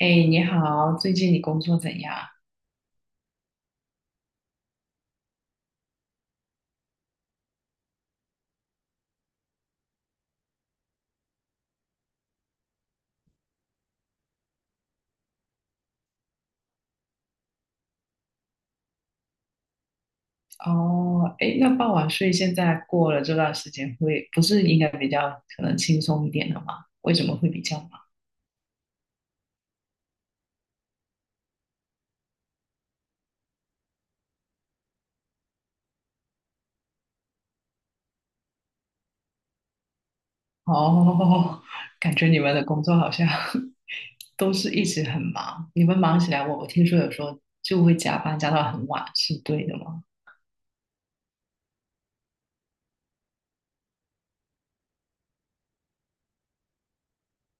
哎，你好，最近你工作怎样？哦，哎，那傍晚睡现在过了这段时间会，不是应该比较可能轻松一点了吗？为什么会比较忙？哦，感觉你们的工作好像 都是一直很忙，你们忙起来，我听说有时候就会加班加到很晚，是对的吗？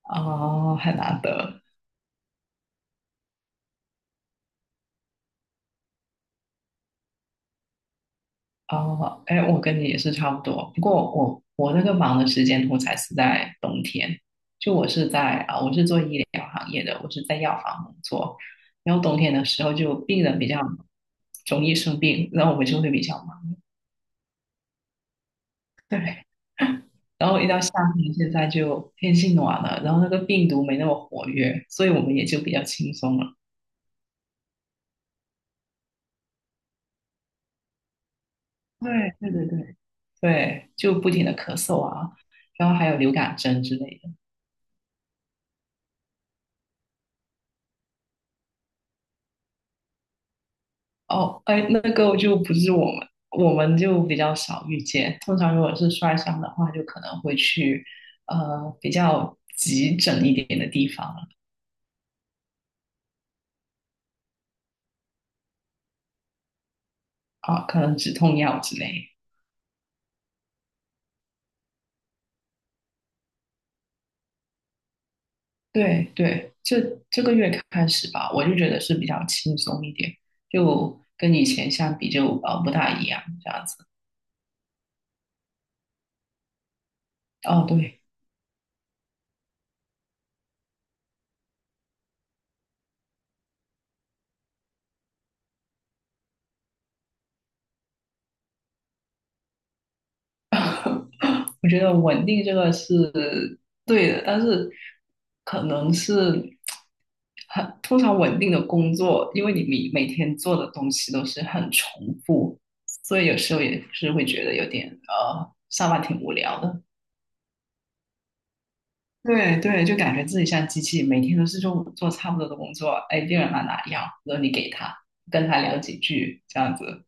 哦，很难得。哦，哎，我跟你也是差不多，不过我那个忙的时间通才是在冬天，就我是在啊、我是做医疗行业的，我是在药房工作，然后冬天的时候就病人比较容易生病，然后我们就会比较忙，对，然后一到夏天，现在就天气暖了，然后那个病毒没那么活跃，所以我们也就比较轻松了，对对对对对，就不停的咳嗽啊，然后还有流感针之类的。哦，哎，那个就不是我们，我们就比较少遇见。通常如果是摔伤的话，就可能会去比较急诊一点的地方啊，可能止痛药之类。对对，这这个月开始吧，我就觉得是比较轻松一点，就跟以前相比就不大一样这样子。哦，对。我觉得稳定这个是对的，但是可能是很通常稳定的工作，因为你每天做的东西都是很重复，所以有时候也是会觉得有点上班挺无聊的。对对，就感觉自己像机器，每天都是做做差不多的工作。哎，第二来哪里啊然后你给他，跟他聊几句，这样子。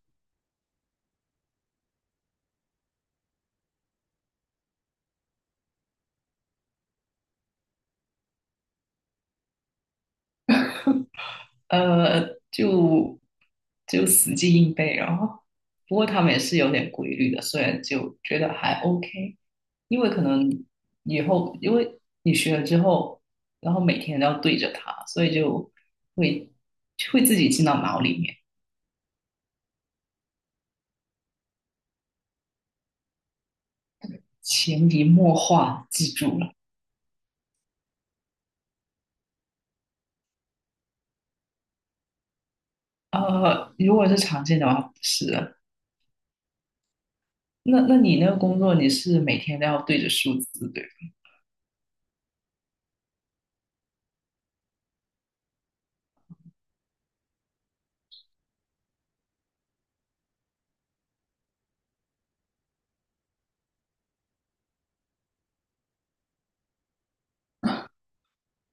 呃，就就死记硬背，然后不过他们也是有点规律的，所以就觉得还 OK，因为可能以后因为你学了之后，然后每天都要对着它，所以就会会自己进到脑里面，潜移默化记住了。如果是常见的话，不是的。那你那个工作，你是每天都要对着数字，对吧？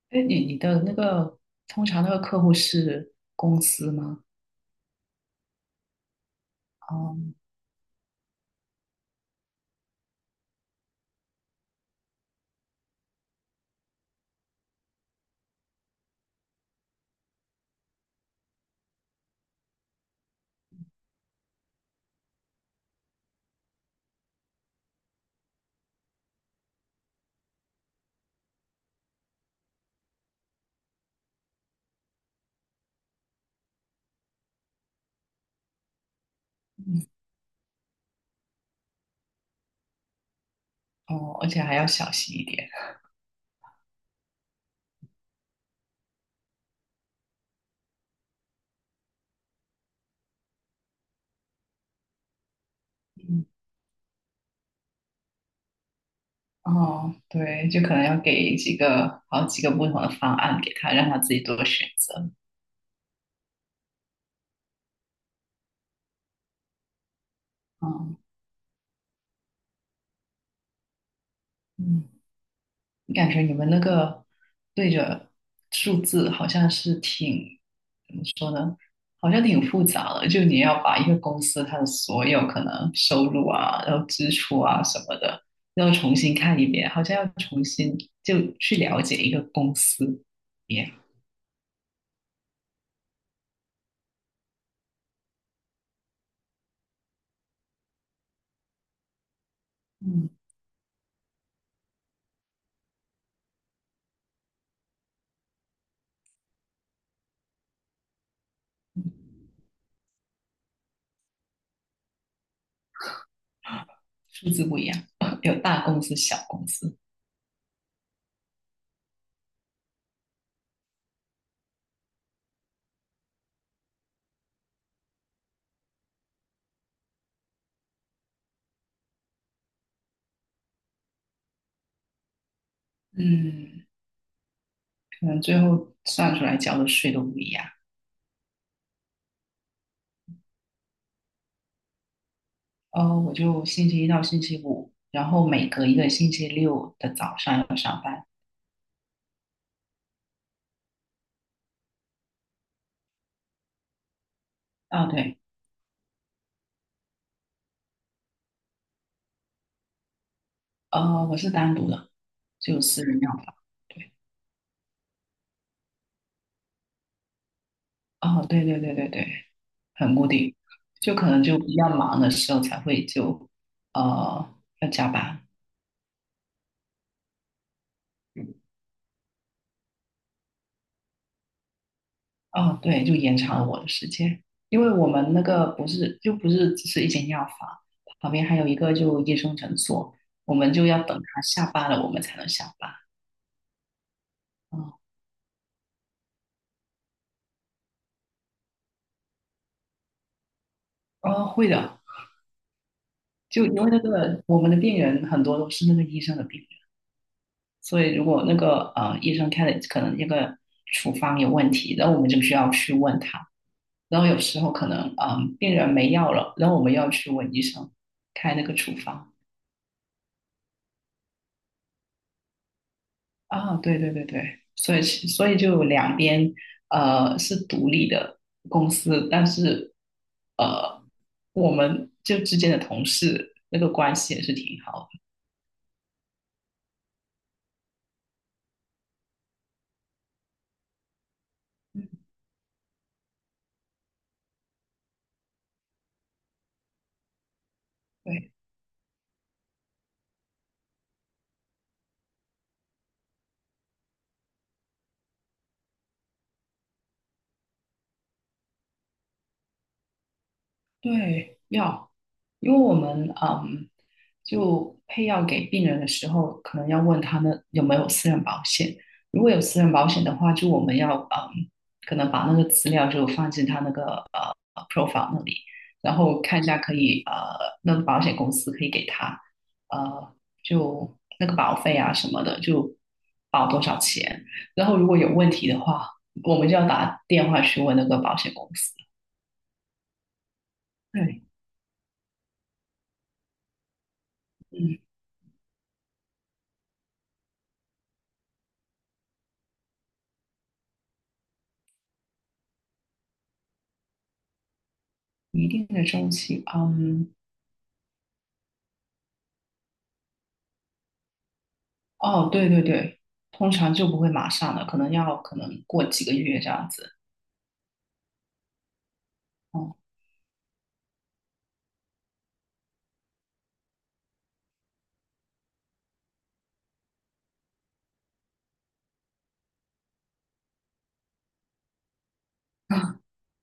哎，你的那个通常那个客户是公司吗？哦哦，而且还要小心一点。嗯，哦，对，就可能要给几个好几个不同的方案给他，让他自己做选择。嗯嗯，你感觉你们那个对着数字好像是挺怎么说呢？好像挺复杂的，就你要把一个公司它的所有可能收入啊，然后支出啊什么的，要重新看一遍，好像要重新就去了解一个公司一样。嗯数字不一样，有大公司、小公司，嗯，可能最后算出来交的税都不一样。哦，我就星期一到星期五，然后每隔一个星期六的早上要上班。啊，对，我是单独的，就有私人药房。对，哦，对对对对对，很固定，就可能就比较忙的时候才会就呃要加班。哦，对，就延长了我的时间，因为我们那个不是就不是只是一间药房，旁边还有一个就医生诊所，我们就要等他下班了，我们才能下班。嗯，哦，会的，就因为那个我们的病人很多都是那个医生的病人，所以如果那个医生开的可能那个处方有问题，然后我们就需要去问他，然后有时候可能嗯、病人没药了，然后我们要去问医生开那个处方。啊，对对对对，所以是所以就两边是独立的公司，但是呃我们就之间的同事那个关系也是挺好的。嗯，对。对，要，因为我们嗯，就配药给病人的时候，可能要问他们有没有私人保险。如果有私人保险的话，就我们要嗯，可能把那个资料就放进他那个profile 那里，然后看一下可以那个保险公司可以给他呃，就那个保费啊什么的，就保多少钱。然后如果有问题的话，我们就要打电话去问那个保险公司。对，嗯。一定的周期，嗯，哦，对对对，通常就不会马上了，可能要可能过几个月这样子。哦，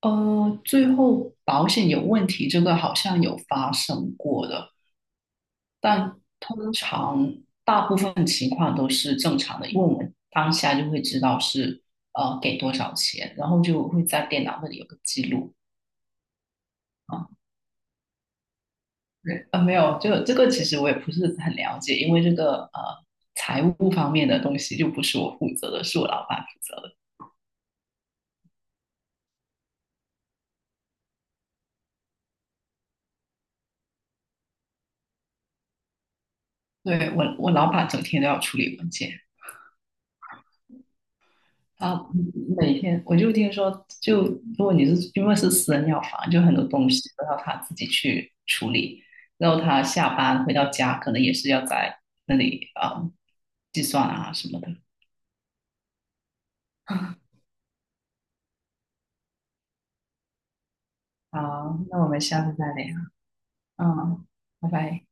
最后保险有问题，这个好像有发生过的，但通常大部分情况都是正常的，因为我们当下就会知道是给多少钱，然后就会在电脑那里有个记录。啊。对，啊，没有，就这个其实我也不是很了解，因为这个财务方面的东西就不是我负责的，是我老板负责的。对，我老板整天都要处理文件啊，每天我就听说，就如果你是因为是私人药房，就很多东西都要他自己去处理，然后他下班回到家可能也是要在那里啊、计算啊什么的。好，那我们下次再聊。嗯，拜拜。